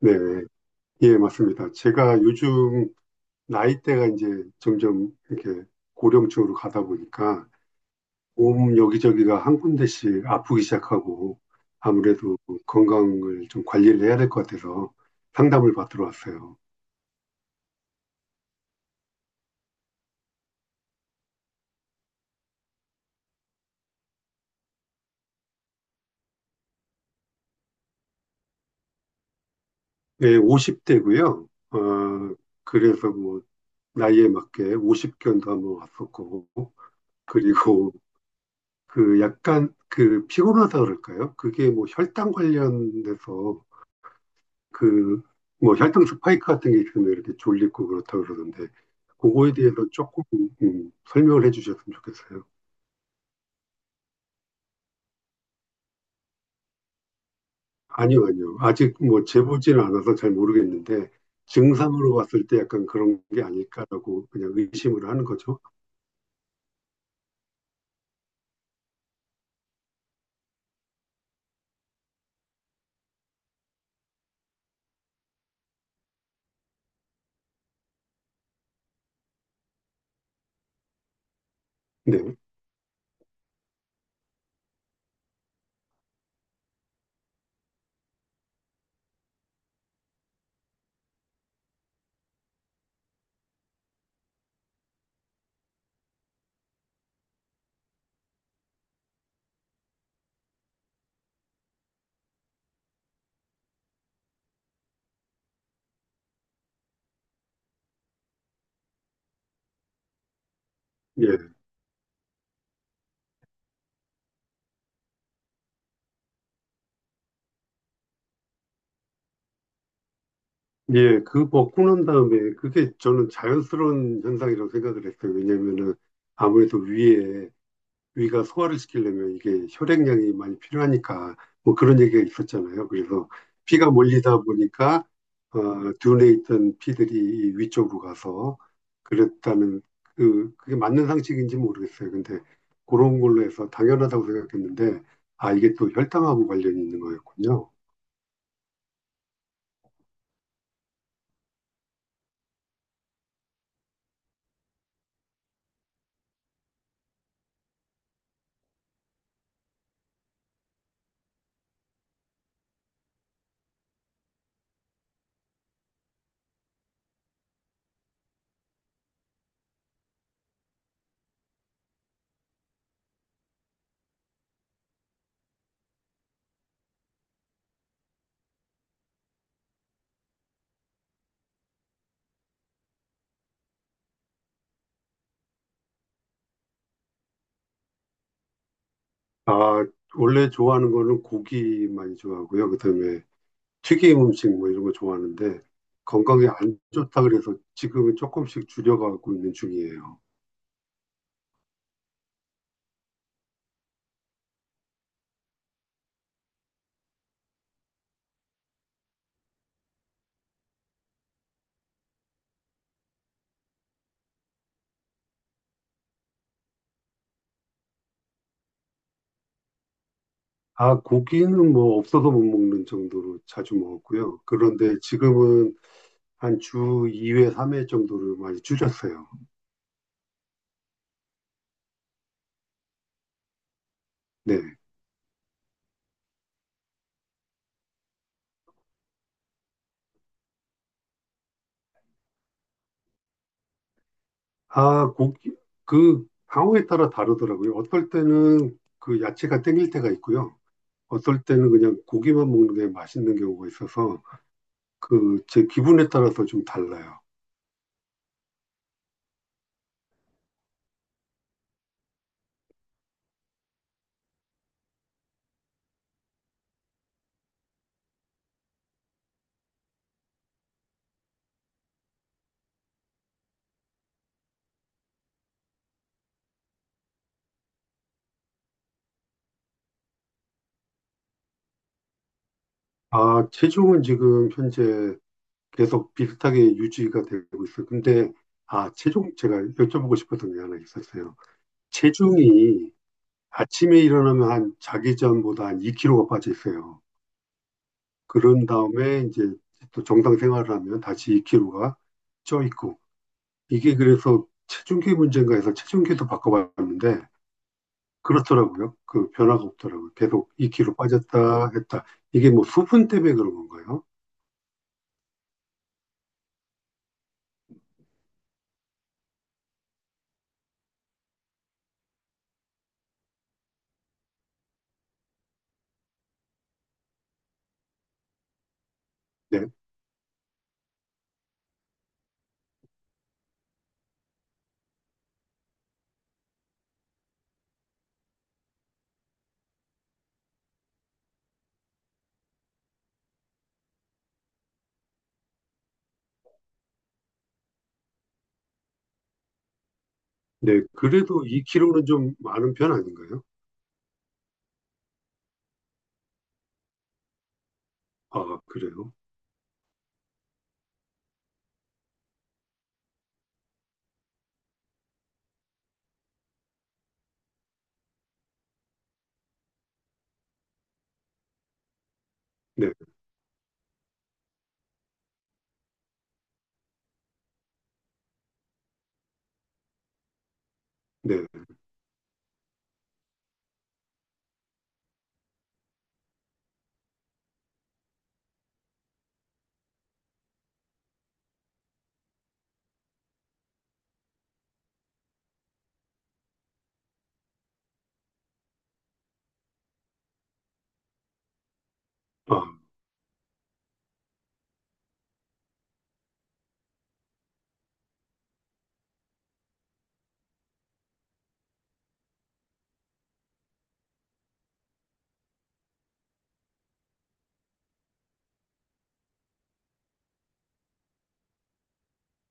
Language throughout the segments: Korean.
네, 예, 맞습니다. 제가 요즘 나이대가 이제 점점 이렇게 고령층으로 가다 보니까 몸 여기저기가 한 군데씩 아프기 시작하고 아무래도 건강을 좀 관리를 해야 될 것 같아서 상담을 받으러 왔어요. 예, 50대고요. 어, 그래서 뭐 나이에 맞게 50견도 한번 왔었고, 그리고 그 약간 그 피곤하다 그럴까요? 그게 뭐 혈당 관련돼서 그 뭐 혈당 스파이크 같은 게 있으면 이렇게 졸리고 그렇다 그러던데, 그거에 대해서 조금 설명을 해주셨으면 좋겠어요. 아니요, 아니요. 아직 뭐 재보지는 않아서 잘 모르겠는데, 증상으로 봤을 때 약간 그런 게 아닐까라고 그냥 의심을 하는 거죠. 네, 예, 예. 그 벗고 난 다음에 그게 저는 자연스러운 현상이라고 생각을 했어요. 왜냐면은 아무래도 위에 위가 소화를 시키려면 이게 혈액량이 많이 필요하니까, 뭐 그런 얘기가 있었잖아요. 그래서 피가 몰리다 보니까 어, 둔에 있던 피들이 위쪽으로 가서 그랬다는, 그게 맞는 상식인지 모르겠어요. 근데 그런 걸로 해서 당연하다고 생각했는데, 아 이게 또 혈당하고 관련이 있는 거였군요. 아, 원래 좋아하는 거는 고기 많이 좋아하고요. 그다음에 튀김 음식 뭐 이런 거 좋아하는데, 건강에 안 좋다 그래서 지금은 조금씩 줄여가고 있는 중이에요. 아, 고기는 뭐 없어서 못 먹는 정도로 자주 먹었고요. 그런데 지금은 한 주 2회, 3회 정도를 많이 줄였어요. 네. 아, 고기, 그 상황에 따라 다르더라고요. 어떨 때는 그 야채가 땡길 때가 있고요. 어떨 때는 그냥 고기만 먹는 게 맛있는 경우가 있어서 그 제 기분에 따라서 좀 달라요. 아, 체중은 지금 현재 계속 비슷하게 유지가 되고 있어요. 근데 아, 체중 제가 여쭤보고 싶었던 게 하나 있었어요. 체중이 아침에 일어나면 한 자기 전보다 한 2kg가 빠져 있어요. 그런 다음에 이제 또 정상 생활을 하면 다시 2kg가 쪄 있고, 이게 그래서 체중계 문제인가 해서 체중계도 바꿔봤는데 그렇더라고요. 그 변화가 없더라고요. 계속 2kg 빠졌다 했다. 이게 뭐 수분 때문에 그런 건가요? 네, 네. 그래도 2kg는 좀 많은 편 아닌가요? 아, 그래요. 네, 네. 아,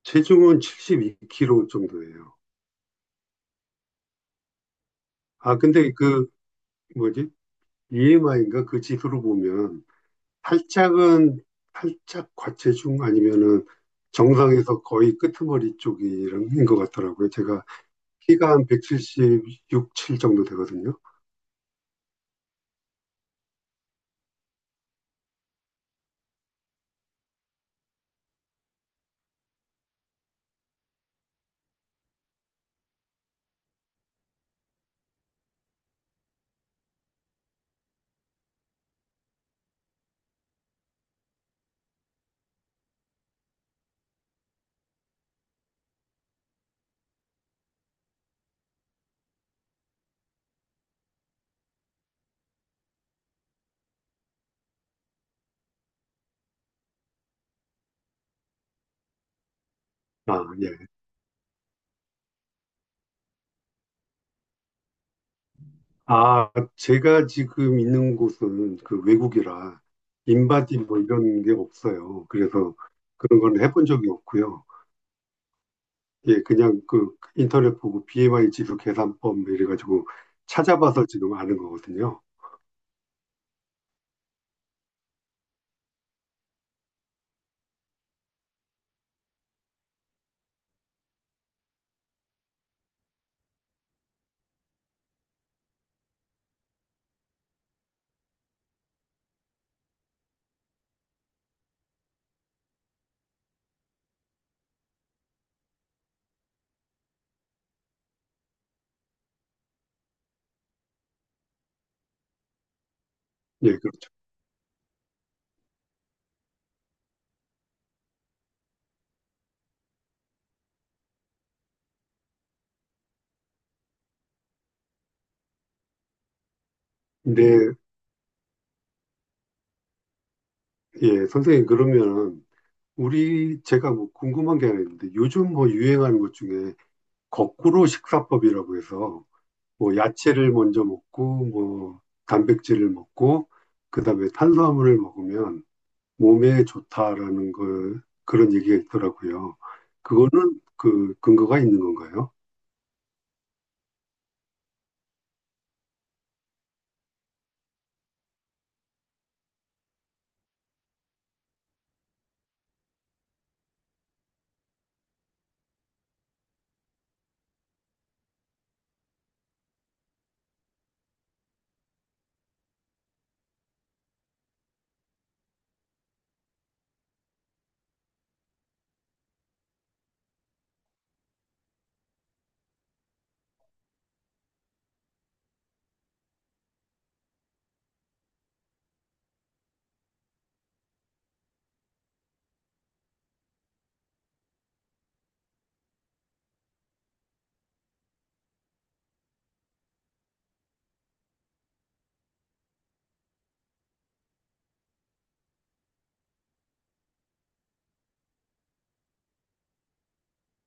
체중은 72kg 정도예요. 아, 근데 그, 뭐지? BMI인가? 그 지수로 보면, 살짝은, 살짝 과체중 아니면은 정상에서 거의 끄트머리 쪽인 것 같더라고요. 제가 키가 한 176, 7 정도 되거든요. 아, 예. 아, 제가 지금 있는 곳은 그 외국이라 인바디 뭐 이런 게 없어요. 그래서 그런 건 해본 적이 없고요. 예, 그냥 그 인터넷 보고 BMI 지수 계산법 뭐 이래가지고 찾아봐서 지금 아는 거거든요. 예, 그렇죠. 근데 예, 선생님 그러면 우리 제가 뭐 궁금한 게 하나 있는데, 요즘 뭐 유행하는 것 중에 거꾸로 식사법이라고 해서 뭐 야채를 먼저 먹고 뭐 단백질을 먹고 그다음에 탄수화물을 먹으면 몸에 좋다라는 거, 그런 얘기가 있더라고요. 그거는 그 근거가 있는 건가요?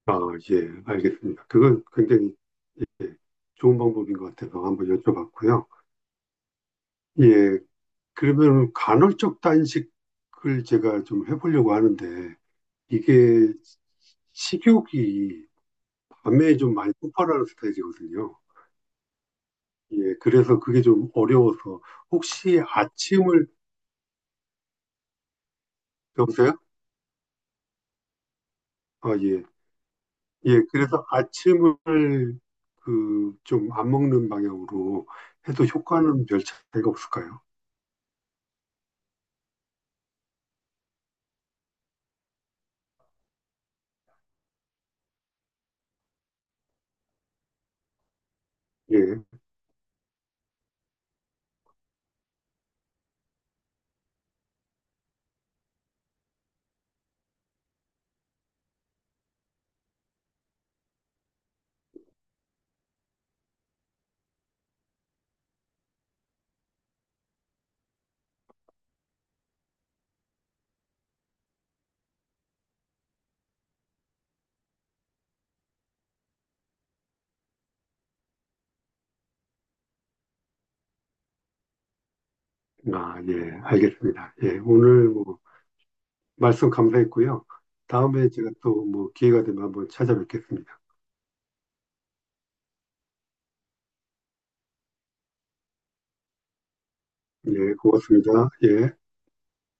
아, 예, 알겠습니다. 그건 굉장히, 예, 좋은 방법인 것 같아서 한번 여쭤봤고요. 예, 그러면 간헐적 단식을 제가 좀 해보려고 하는데, 이게 식욕이 밤에 좀 많이 폭발하는 스타일이거든요. 예, 그래서 그게 좀 어려워서 혹시 아침을, 여보세요? 아, 예, 예, 그래서 아침을 그 좀 안 먹는 방향으로 해도 효과는 별 차이가 없을까요? 예. 아, 예, 알겠습니다. 예, 오늘 뭐 말씀 감사했고요. 다음에 제가 또 뭐 기회가 되면 한번 찾아뵙겠습니다. 예, 고맙습니다. 예.